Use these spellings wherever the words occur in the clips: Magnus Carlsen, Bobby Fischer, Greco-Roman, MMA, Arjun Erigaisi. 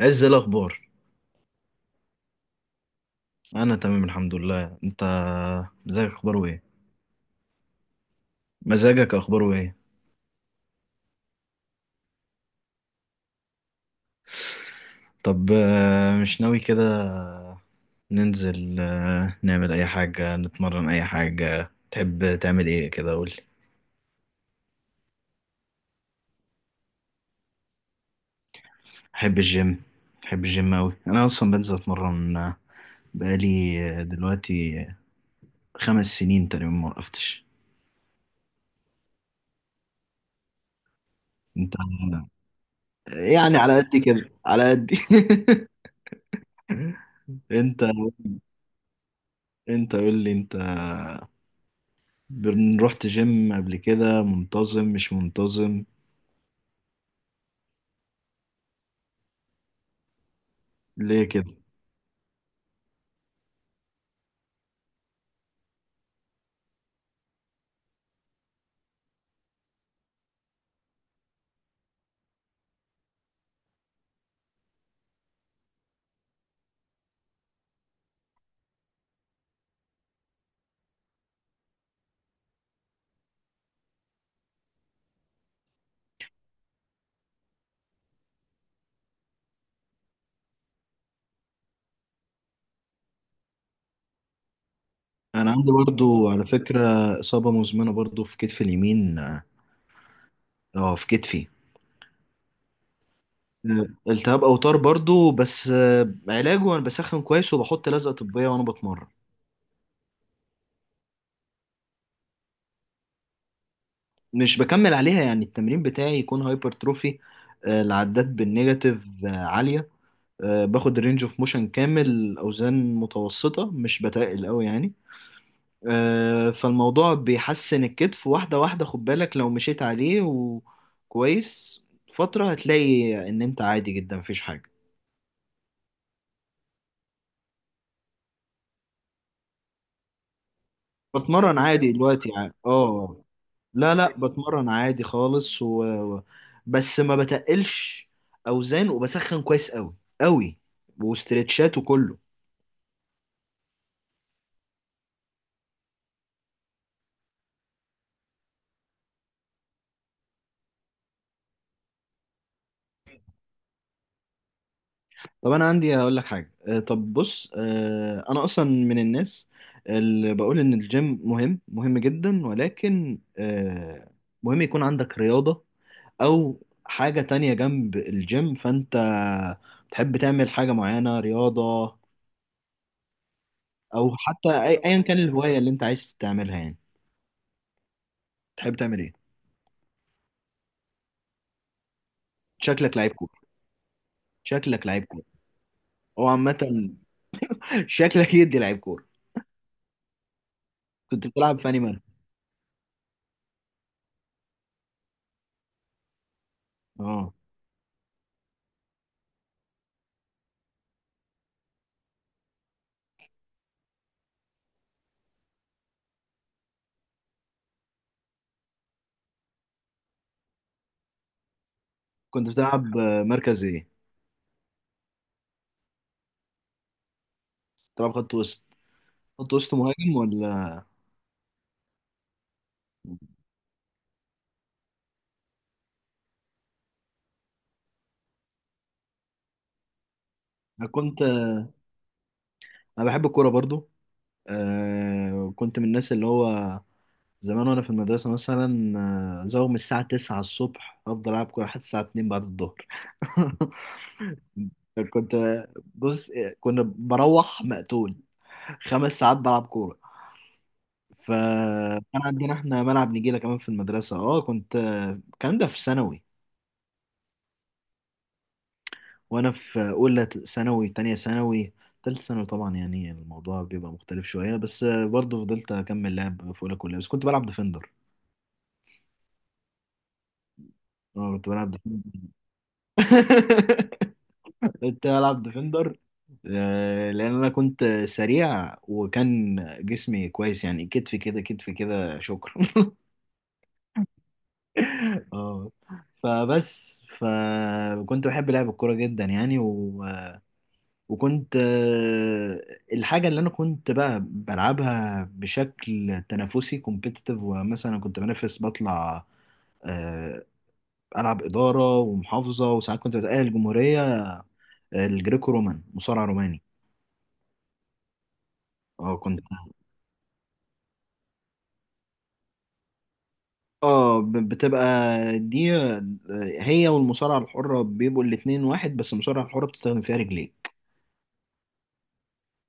عز، إيه الأخبار؟ أنا تمام الحمد لله. أنت، مزاجك أخباره إيه؟ مزاجك أخباره إيه؟ طب مش ناوي كده ننزل، نعمل أي حاجة، نتمرن، أي حاجة تحب تعمل إيه كده؟ قولي. أحب الجيم. أحب الجيم أوي. أنا أصلا بنزل أتمرن بقالي دلوقتي 5 سنين تقريبا، ما وقفتش. أنت؟ يعني على قد كده على قد. أنت. أنت قول لي أنت، رحت جيم قبل كده؟ منتظم مش منتظم؟ ليه كده؟ انا عندي برضو على فكرة إصابة مزمنة، برضو في كتفي اليمين. اه، في كتفي. التهاب اوتار برضو، بس علاجه انا بسخن كويس وبحط لزقة طبية وانا بتمرن. مش بكمل عليها. يعني التمرين بتاعي يكون هايبرتروفي، العدات بالنيجاتيف عالية. باخد رينج اوف موشن كامل، اوزان متوسطة مش بتقل قوي يعني. فالموضوع بيحسن الكتف واحدة واحدة. خد بالك، لو مشيت عليه وكويس فترة هتلاقي ان انت عادي جدا، مفيش حاجة. بتمرن عادي بجد دلوقتي. لا لا، بتمرن عادي خالص بس ما بتقلش اوزان، وبسخن كويس قوي قوي، واسترتشات وكله. طب انا عندي هقول لك حاجه، طب بص، انا اصلا من الناس اللي بقول ان الجيم مهم مهم جدا، ولكن مهم يكون عندك رياضه او حاجه تانية جنب الجيم. فانت بتحب تعمل حاجه معينه رياضه، او حتى ايا كان الهوايه اللي انت عايز تعملها يعني؟ تحب تعمل ايه؟ شكلك لعيب كوره. شكلك لعيب كوره او عامه. شكلك يدي لعيب كوره. كنت بتلعب في انهي مركز؟ اه كنت بتلعب مركز ايه؟ بتلعب خط وسط؟ خط وسط مهاجم، ولا؟ انا كنت. انا بحب الكوره برضو. آه، كنت من الناس اللي هو زمان وانا في المدرسه مثلا، زوغ من الساعه 9 الصبح افضل العب كوره لحد الساعه 2 بعد الظهر. كنت. بص، كنا بروح مقتول، 5 ساعات بلعب كوره. فكان عندنا احنا ملعب نجيله كمان في المدرسه. اه، كنت. الكلام ده في ثانوي، وانا في اولى ثانوي، تانية ثانوي. تالتة ثانوي طبعا يعني الموضوع بيبقى مختلف شوية، بس برضه فضلت اكمل لعب في اولى كلها. بس كنت بلعب ديفندر. اه كنت بلعب ديفندر. كنت بلعب ديفندر لان انا كنت سريع وكان جسمي كويس يعني. كتفي كده، كتفي كده، شكرا. اه، فبس فكنت بحب لعب الكورة جدا يعني. و... وكنت الحاجة اللي أنا كنت بقى بلعبها بشكل تنافسي، كومبيتيتيف، ومثلا كنت بنافس، بطلع آه، ألعب إدارة ومحافظة، وساعات كنت بتأهل الجمهورية. الجريكو رومان، مصارع روماني. اه كنت. اه، بتبقى دي هي والمصارعة الحرة بيبقوا الاتنين واحد، بس المصارعة الحرة بتستخدم فيها رجليك.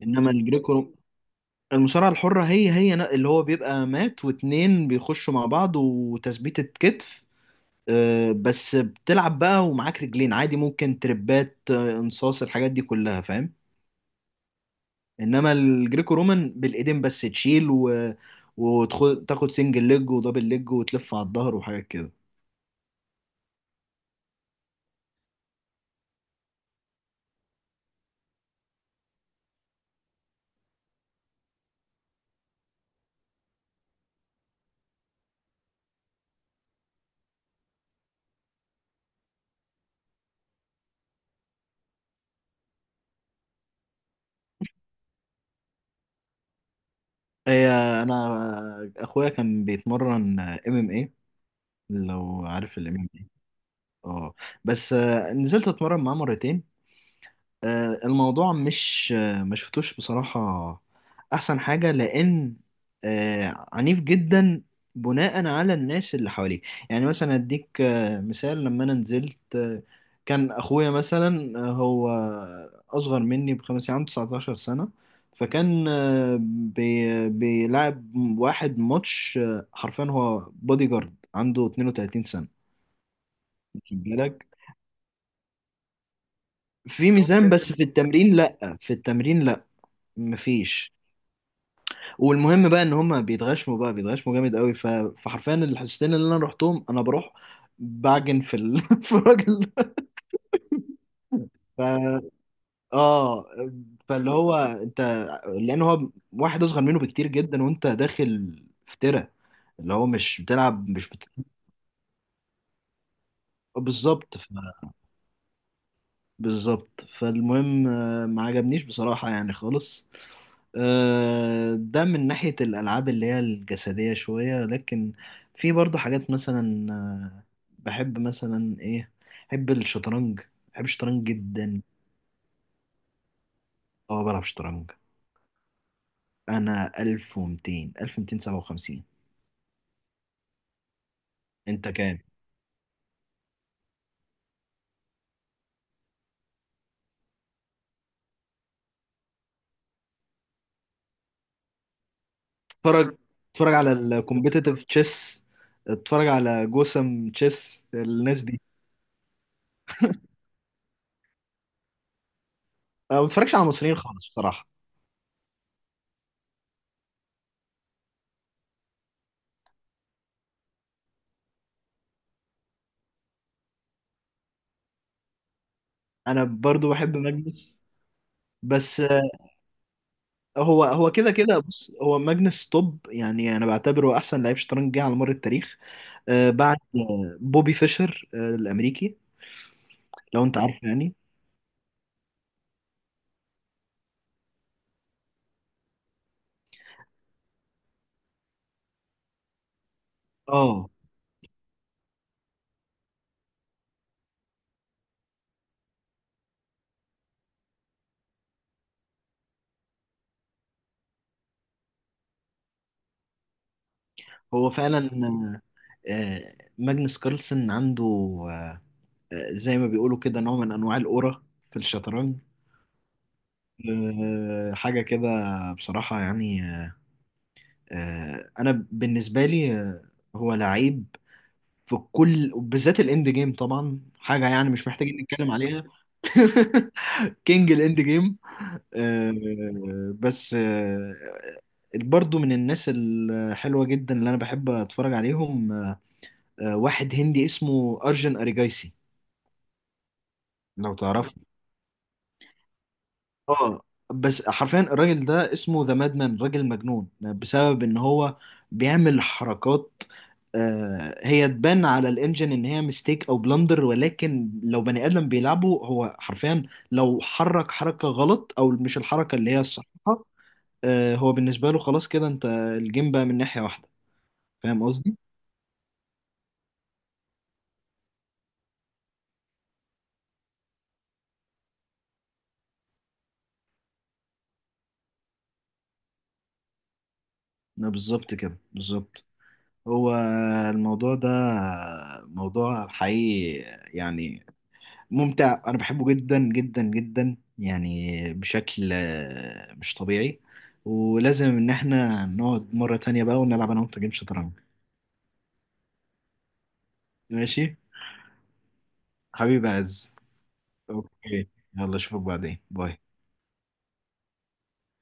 انما الجريكو، المصارعة الحرة هي اللي هو بيبقى مات واتنين بيخشوا مع بعض وتثبيتة كتف. بس بتلعب بقى ومعاك رجلين عادي، ممكن تربات انصاص، الحاجات دي كلها فاهم. انما الجريكو رومان بالايدين بس، تشيل و... وتاخد سنجل ليج ودبل ليج، وتلف على الظهر وحاجات كده. هي، انا اخويا كان بيتمرن ام ام اي، لو عارف الام ام اي. اه، بس نزلت اتمرن معاه مرتين. آه، الموضوع مش آه، ما شفتوش بصراحة أحسن حاجة، لأن عنيف جدا، بناء على الناس اللي حواليه. يعني مثلا أديك مثال، لما أنا نزلت كان أخويا مثلا، هو أصغر مني ب5 سنين، عنده 19 سنة، فكان بيلعب واحد ماتش، حرفيا هو بودي جارد عنده 32 سنة. واخد بالك؟ في اوكي ميزان، بس في التمرين لأ. في التمرين لأ، مفيش. والمهم بقى ان هم بيتغشموا بقى، بيتغشموا جامد قوي. فحرفيا الحصتين اللي انا رحتهم انا بروح بعجن في في الراجل ده. ف... اه. فاللي هو انت، لان هو واحد اصغر منه بكتير جدا، وانت داخل في تيرة اللي هو مش بتلعب مش بت... بالظبط. بالظبط. فالمهم ما عجبنيش بصراحة يعني، خالص. ده من ناحية الألعاب اللي هي الجسدية شوية، لكن في برضو حاجات مثلا بحب مثلا إيه؟ بحب الشطرنج. بحب الشطرنج جدا. أه بلعب شطرنج. أنا 1200، 1257. أنت كام؟ اتفرج. اتفرج على الكومبيتيتيف تشيس. اتفرج على جوسم تشيس، الناس دي. أنا ما بتفرجش على المصريين خالص بصراحة. أنا برضو بحب ماجنس. بس هو كده كده. بص، هو ماجنس توب، يعني انا بعتبره احسن لعيب شطرنج جه على مر التاريخ بعد بوبي فيشر الامريكي. لو انت عارفه يعني. اه، هو فعلا. ماجنس كارلسن عنده آه، زي ما بيقولوا كده، نوع من انواع الاورا في الشطرنج، حاجه كده. بصراحه يعني، انا بالنسبه لي، هو لعيب في كل، بالذات الاند جيم طبعا، حاجه يعني مش محتاجين نتكلم عليها. كينج الاند جيم. آه، بس آه، برضو من الناس الحلوة جدا اللي أنا بحب أتفرج عليهم واحد هندي اسمه أرجن أريجايسي، لو تعرفه. اه، بس حرفيا الراجل ده اسمه ذا مادمان، راجل مجنون، بسبب إن هو بيعمل حركات هي تبان على الانجن ان هي ميستيك او بلندر، ولكن لو بني ادم بيلعبه هو حرفيا لو حرك حركه غلط او مش الحركه اللي هي الصح، هو بالنسبة له خلاص كده، انت الجيم بقى من ناحية واحدة. فاهم قصدي؟ لا، بالظبط كده، بالظبط. هو الموضوع ده موضوع حقيقي يعني، ممتع، انا بحبه جدا جدا جدا يعني بشكل مش طبيعي. ولازم ان احنا نقعد مرة تانية بقى ونلعب انا وانت جيم شطرنج. ماشي. حبيبي عز. اوكي. يلا اشوفك بعدين، باي.